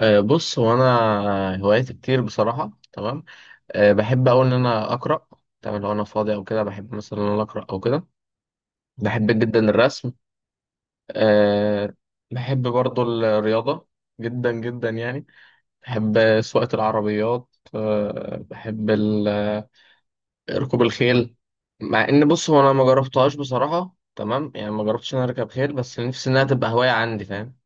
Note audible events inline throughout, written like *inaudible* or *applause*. بص، هو انا هواياتي كتير بصراحه، تمام. بحب أوي ان انا اقرا. تمام، لو انا فاضي او كده بحب مثلا ان انا اقرا او كده. بحب جدا الرسم. أه بحب برضو الرياضه، جدا جدا يعني. بحب سواقه العربيات. بحب ركوب الخيل. مع ان بص، هو انا ما جربتهاش بصراحه، تمام يعني ما جربتش ان انا اركب خيل، بس نفسي انها تبقى هوايه عندي، فاهم؟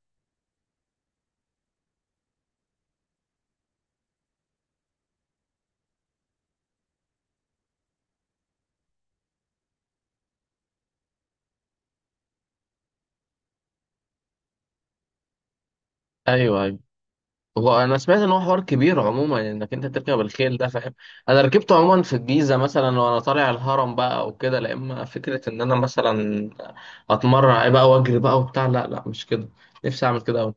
ايوه، أيوة. هو انا سمعت ان هو حوار كبير عموما، انك انت تركب الخيل ده، فاهم؟ انا ركبته عموما في الجيزه مثلا وانا طالع الهرم بقى وكده، لا، اما فكره ان انا مثلا اتمرن بقى واجري بقى وبتاع، لا لا، مش كده. نفسي اعمل كده قوي.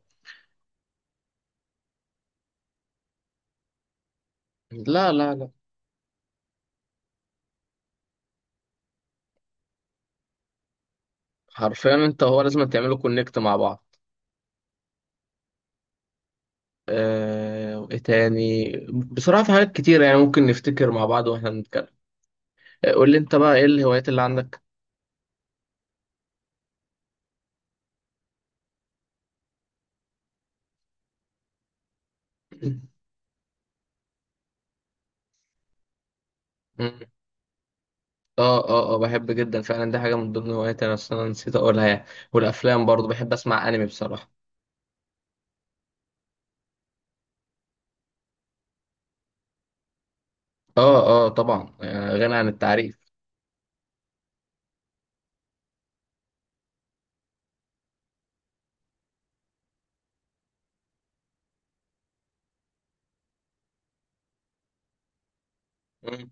لا لا لا. حرفيا انت، هو لازم تعملوا كونكت مع بعض. وايه تاني؟ بصراحه في حاجات كتير، يعني ممكن نفتكر مع بعض واحنا بنتكلم. قول لي انت بقى، ايه الهوايات اللي عندك؟ *clears throat* اه بحب جدا فعلا، دي حاجة من ضمن هواياتي، انا اصلا نسيت اقولها يعني. والافلام برضو، بحب اسمع انمي بصراحة. اه اه، طبعا، غني عن التعريف. مم.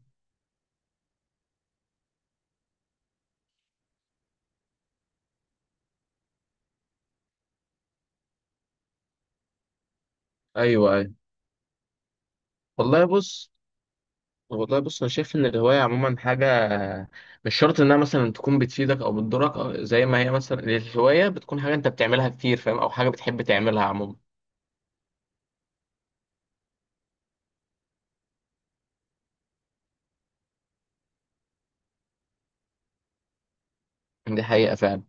ايوه ايوه. والله بص والله بص، انا شايف ان الهواية عموما حاجة مش شرط انها مثلا تكون بتفيدك او بتضرك، أو زي ما هي مثلا الهواية بتكون حاجة انت بتعملها كتير، فاهم؟ او حاجة بتحب تعملها عموما. دي حقيقة فعلا.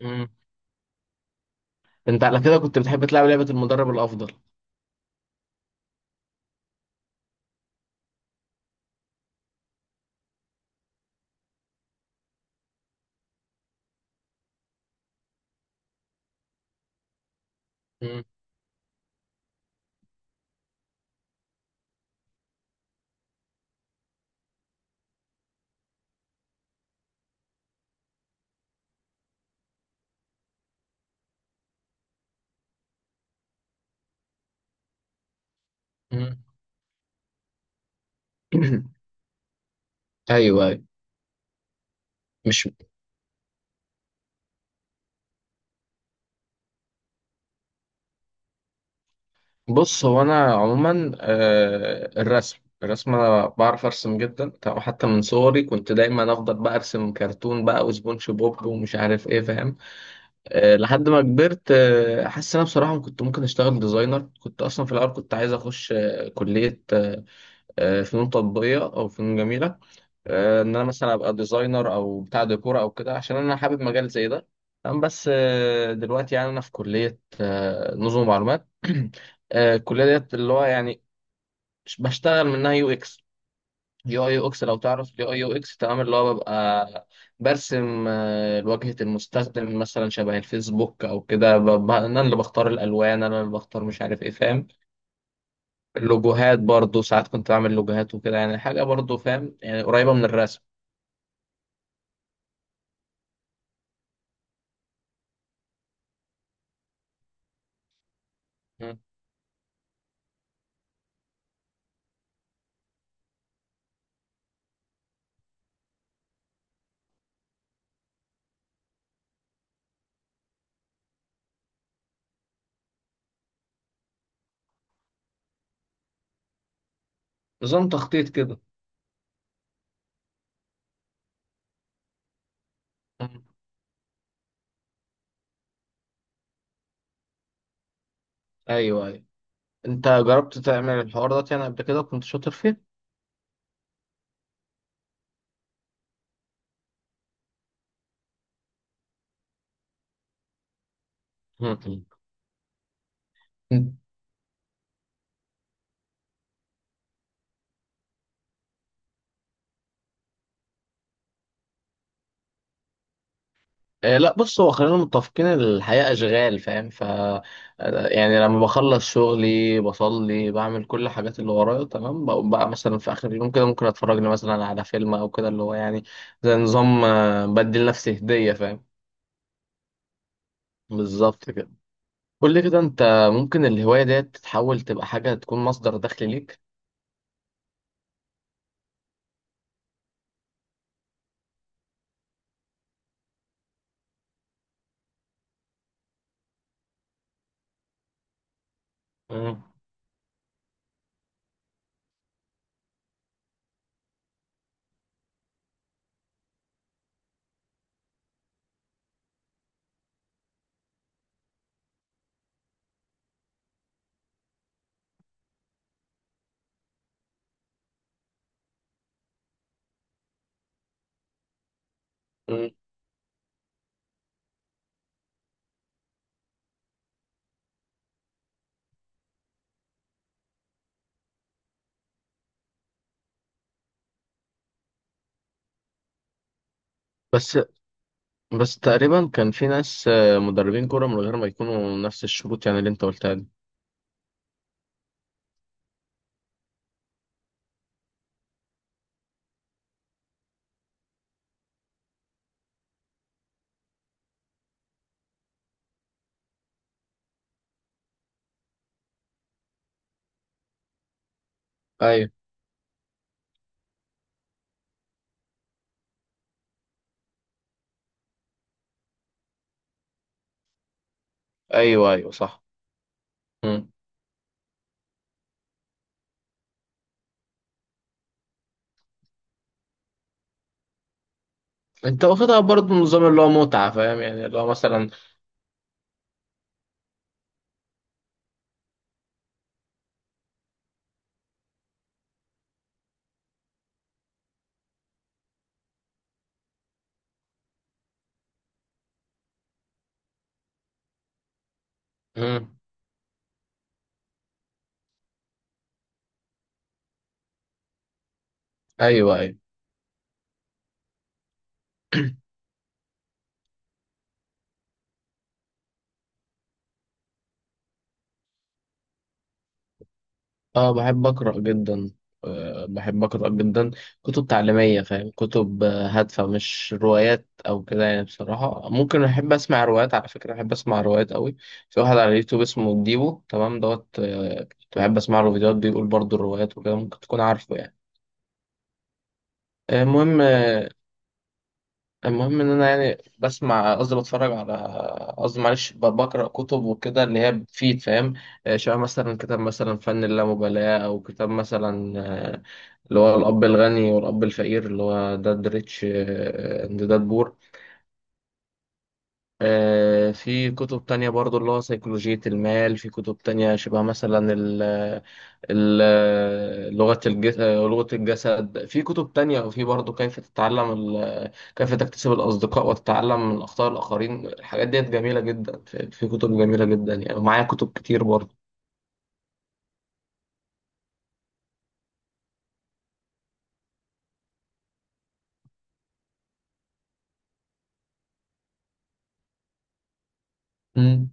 مم. انت على كده كنت بتحب تلعب لعبة المدرب الافضل؟ مم. مم. *clears throat* ايوه، أيوة. مش بص، هو انا عموما، الرسم الرسم انا بعرف ارسم جدا، تمام. حتى من صغري كنت دايما افضل بقى ارسم كرتون بقى وسبونج بوب ومش عارف ايه، فاهم؟ لحد ما كبرت، حاسس إن انا بصراحه كنت ممكن اشتغل ديزاينر. كنت اصلا في الاول كنت عايز اخش كليه، فنون تطبيقيه او فنون جميله. ان انا مثلا ابقى ديزاينر او بتاع ديكور او كده، عشان انا حابب مجال زي ده. تمام، بس دلوقتي يعني انا في كليه نظم معلومات. *clears throat* الكليه ديت اللي هو يعني بشتغل منها يو اكس. يو اي يو اكس، لو تعرف يو اي يو اكس، تمام، اللي هو ببقى برسم واجهه المستخدم، مثلا شبه الفيسبوك او كده، انا اللي بختار الالوان، انا اللي بختار مش عارف ايه، فاهم؟ اللوجوهات برضو ساعات كنت بعمل لوجوهات وكده، يعني حاجه برضو، فاهم؟ يعني قريبه من الرسم. م. نظام تخطيط كده. مم. ايوه ايوه. انت جربت تعمل الحوار ده يعني قبل كده؟ كنت شاطر فيه؟ مم. مم. آه، لا، بص، هو خلينا متفقين إن الحياة اشغال، فاهم؟ ف يعني لما بخلص شغلي بصلي بعمل كل الحاجات اللي ورايا تمام، بقوم بقى مثلا في اخر اليوم كده ممكن اتفرج لي مثلا على فيلم او كده، اللي هو يعني زي نظام بدي لنفسي هدية، فاهم؟ بالظبط كده. قول لي كده انت، ممكن الهواية ديت تتحول تبقى حاجة تكون مصدر دخل ليك؟ مم. مم. بس بس تقريبا كان في ناس مدربين كورة، من غير ما يكونوا نفس الشروط يعني اللي انت قلتها دي. ايوه. ايوه ايوه، صح. مم. انت واخدها برضه نظام اللي هو متعة، فاهم؟ يعني اللي هو مثلا. مم. ايوه ايوه. اه، بحب اقرا جدا. بحب اقرا جدا، كتب تعليمية، فاهم؟ كتب هادفة مش روايات او كده. يعني بصراحة ممكن احب اسمع روايات. على فكرة، احب اسمع روايات قوي. في واحد على اليوتيوب اسمه ديبو، تمام، دوت، كنت بحب اسمع له فيديوهات بيقول برضه الروايات وكده، ممكن تكون عارفه يعني. المهم، ان انا يعني بسمع، قصدي بتفرج على، قصدي معلش، بقرا كتب وكده اللي هي بتفيد، فاهم؟ شبه مثلا كتاب مثلا فن اللامبالاه، او كتاب مثلا آه، اللي هو الاب الغني والاب الفقير، اللي هو داد ريتش اند داد بور. في كتب تانية برضو، اللي هو سيكولوجية المال. في كتب تانية شبه مثلا ال ال لغة الجسد، لغة الجسد. في كتب تانية، وفي برضو كيف تتعلم كيف تكتسب الأصدقاء، وتتعلم من أخطاء الآخرين. الحاجات ديت جميلة جدا، في كتب جميلة جدا يعني، ومعايا كتب كتير برضو. مم.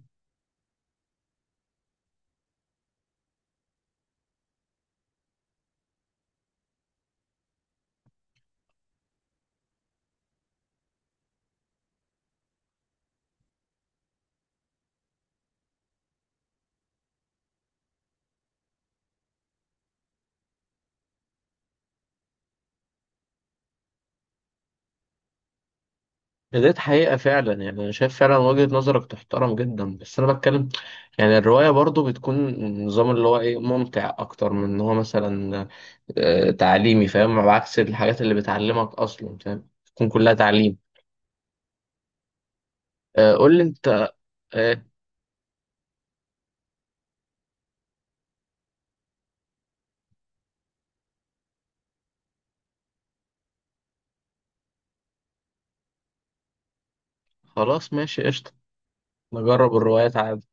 ديت حقيقة فعلا. يعني أنا شايف فعلا وجهة نظرك تحترم جدا، بس أنا بتكلم، يعني الرواية برضو بتكون نظام اللي هو إيه، ممتع أكتر من إن هو مثلا تعليمي، فاهم؟ على عكس الحاجات اللي بتعلمك أصلا، فاهم؟ بتكون كلها تعليم. قول لي أنت، آه، خلاص، ماشي، قشطة. نجرب الروايات عادي.